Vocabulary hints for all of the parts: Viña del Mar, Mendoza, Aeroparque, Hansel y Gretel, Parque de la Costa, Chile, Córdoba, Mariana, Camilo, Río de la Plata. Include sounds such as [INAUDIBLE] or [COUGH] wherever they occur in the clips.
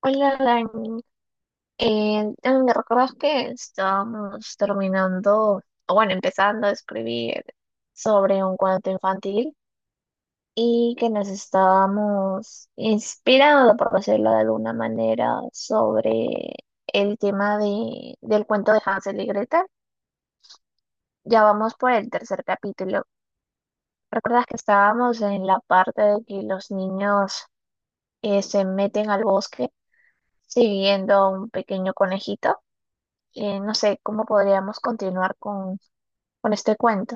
Hola, Dani. ¿Me recuerdas que estábamos terminando, o bueno, empezando a escribir sobre un cuento infantil y que nos estábamos inspirando, por decirlo de alguna manera, sobre del cuento de Hansel y Gretel? Ya vamos por el tercer capítulo. ¿Recuerdas que estábamos en la parte de que los niños se meten al bosque siguiendo a un pequeño conejito? No sé cómo podríamos continuar con este cuento.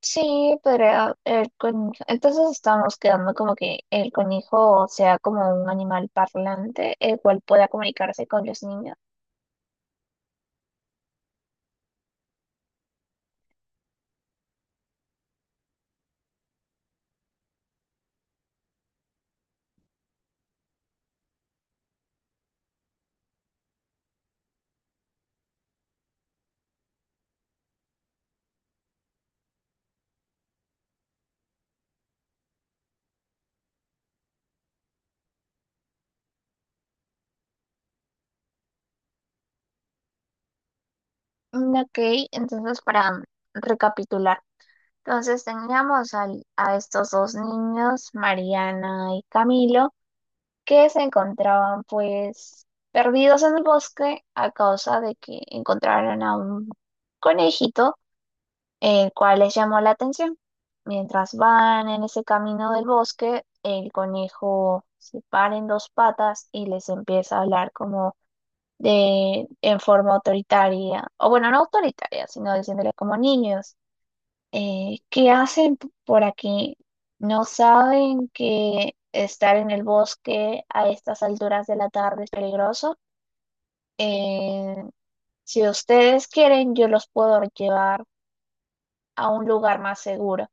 Sí, podría, entonces estamos quedando como que el conejo sea como un animal parlante, el cual pueda comunicarse con los niños. Mm, ok, entonces para recapitular, entonces teníamos a estos dos niños, Mariana y Camilo, que se encontraban pues perdidos en el bosque a causa de que encontraron a un conejito el cual les llamó la atención. Mientras van en ese camino del bosque, el conejo se para en dos patas y les empieza a hablar como de, en forma autoritaria, o bueno, no autoritaria, sino diciéndole como niños, ¿qué hacen por aquí? ¿No saben que estar en el bosque a estas alturas de la tarde es peligroso? Eh, si ustedes quieren, yo los puedo llevar a un lugar más seguro.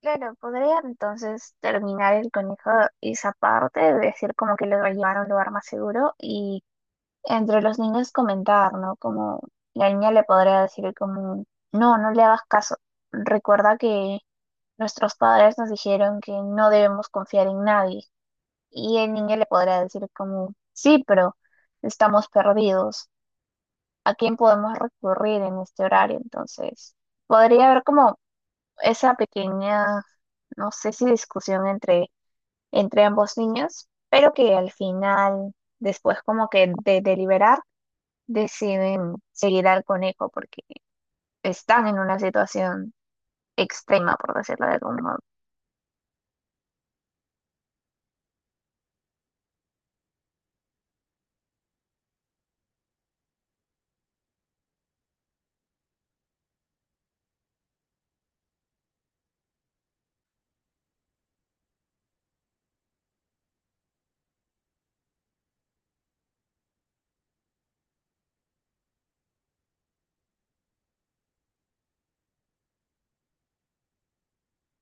Claro, podría entonces terminar el conejo esa parte, de decir como que lo va a llevar a un lugar más seguro y entre los niños comentar, ¿no? Como la niña le podría decir como, no, no le hagas caso. Recuerda que nuestros padres nos dijeron que no debemos confiar en nadie. Y el niño le podría decir como, sí, pero estamos perdidos. ¿A quién podemos recurrir en este horario? Entonces, podría haber como esa pequeña, no sé si discusión entre ambos niños, pero que al final, después como que de deliberar, deciden seguir al conejo porque están en una situación extrema, por decirlo de algún modo.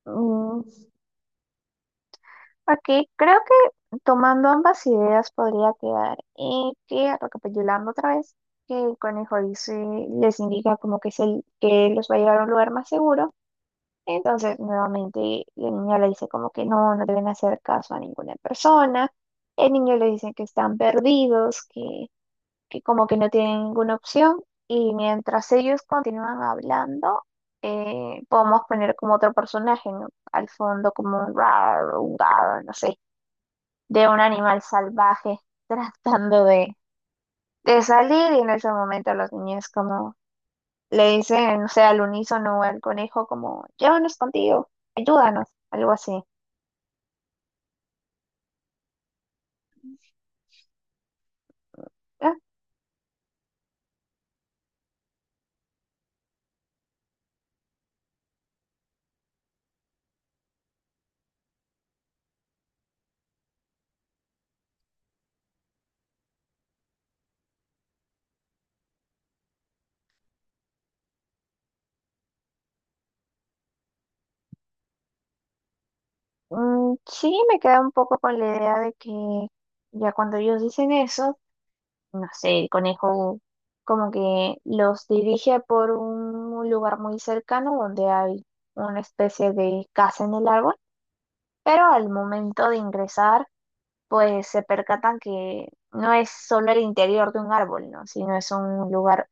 Mm, aquí creo que tomando ambas ideas podría quedar que, recapitulando otra vez, que el conejo dice, les indica como que, es el, que los va a llevar a un lugar más seguro. Entonces, nuevamente, la niña le dice como que no, no deben hacer caso a ninguna persona. El niño le dice que están perdidos, que como que no tienen ninguna opción. Y mientras ellos continúan hablando, podemos poner como otro personaje, ¿no? Al fondo como un raro, no sé, de un animal salvaje [LAUGHS] tratando de salir. Y en ese momento los niños como le dicen, o sea, al unísono o al conejo como, llévanos contigo, ayúdanos, algo así. Ah, mm, sí, me queda un poco con la idea de que ya cuando ellos dicen eso, no sé, el conejo como que los dirige por un lugar muy cercano donde hay una especie de casa en el árbol, pero al momento de ingresar, pues se percatan que no es solo el interior de un árbol, ¿no? Sino es un lugar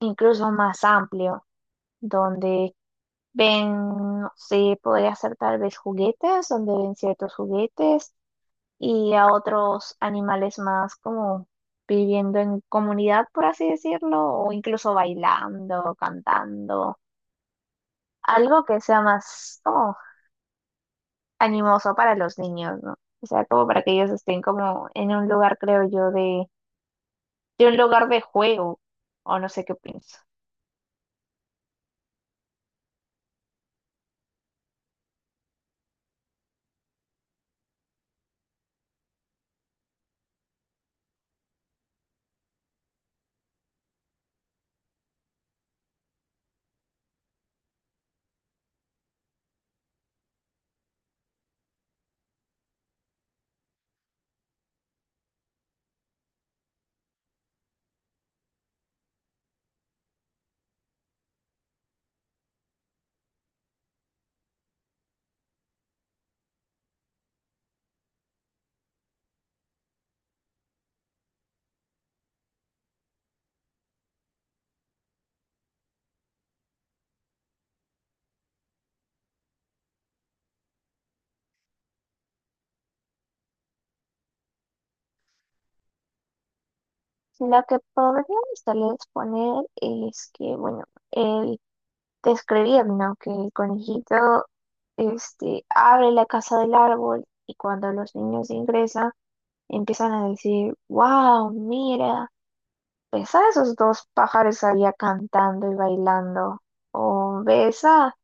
incluso más amplio, donde ven, no sé, podría ser tal vez juguetes, donde ven ciertos juguetes y a otros animales más como viviendo en comunidad, por así decirlo, o incluso bailando, cantando, algo que sea más como animoso para los niños, ¿no? O sea, como para que ellos estén como en un lugar, creo yo, de un lugar de juego, o no sé qué pienso. Lo que podríamos tal vez poner es que, bueno, el te escribían, ¿no? Que el conejito este, abre la casa del árbol y cuando los niños ingresan empiezan a decir, wow, mira, ves a esos dos pájaros allá cantando y bailando, o ves a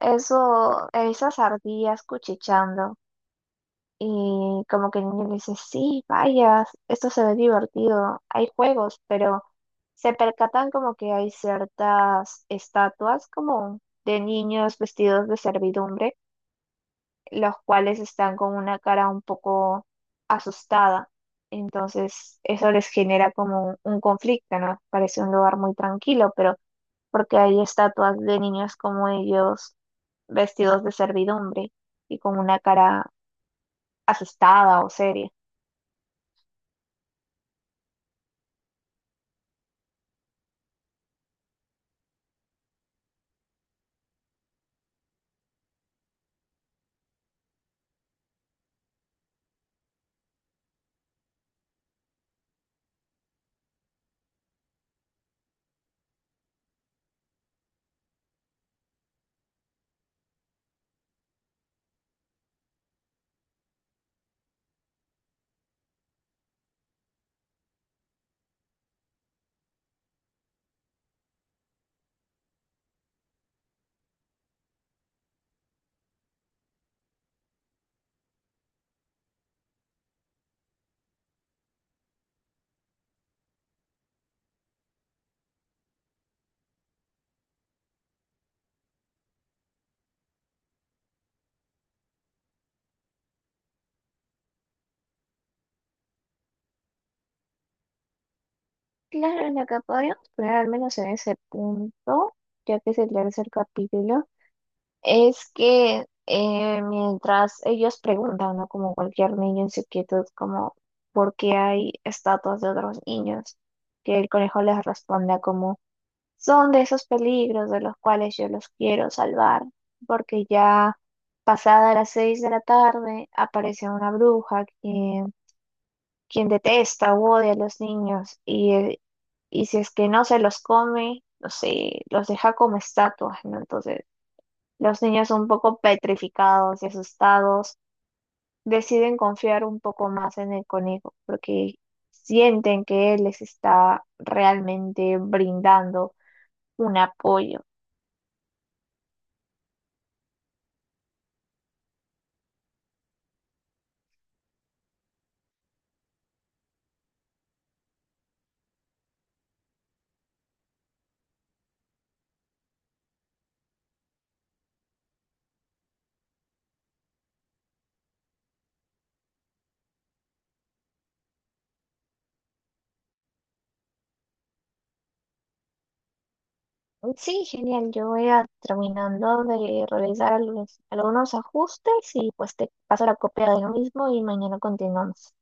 eso, esas ardillas cuchicheando. Y como que el niño le dice, sí, vayas, esto se ve divertido, hay juegos, pero se percatan como que hay ciertas estatuas como de niños vestidos de servidumbre, los cuales están con una cara un poco asustada. Entonces eso les genera como un conflicto, ¿no? Parece un lugar muy tranquilo, pero porque hay estatuas de niños como ellos vestidos de servidumbre y con una cara asustada o seria. Claro, en lo que podríamos poner al menos en ese punto, ya que es el tercer capítulo, es que mientras ellos preguntan, ¿no? Como cualquier niño en su quietud, como ¿por qué hay estatuas de otros niños? Que el conejo les responda como son de esos peligros de los cuales yo los quiero salvar, porque ya pasada las 6 de la tarde aparece una bruja que quien detesta o odia a los niños y si es que no se los come, no sé, los deja como estatuas, ¿no? Entonces, los niños un poco petrificados y asustados deciden confiar un poco más en el conejo porque sienten que él les está realmente brindando un apoyo. Sí, genial. Yo voy a terminando de realizar algunos ajustes y pues te paso la copia de lo mismo y mañana continuamos.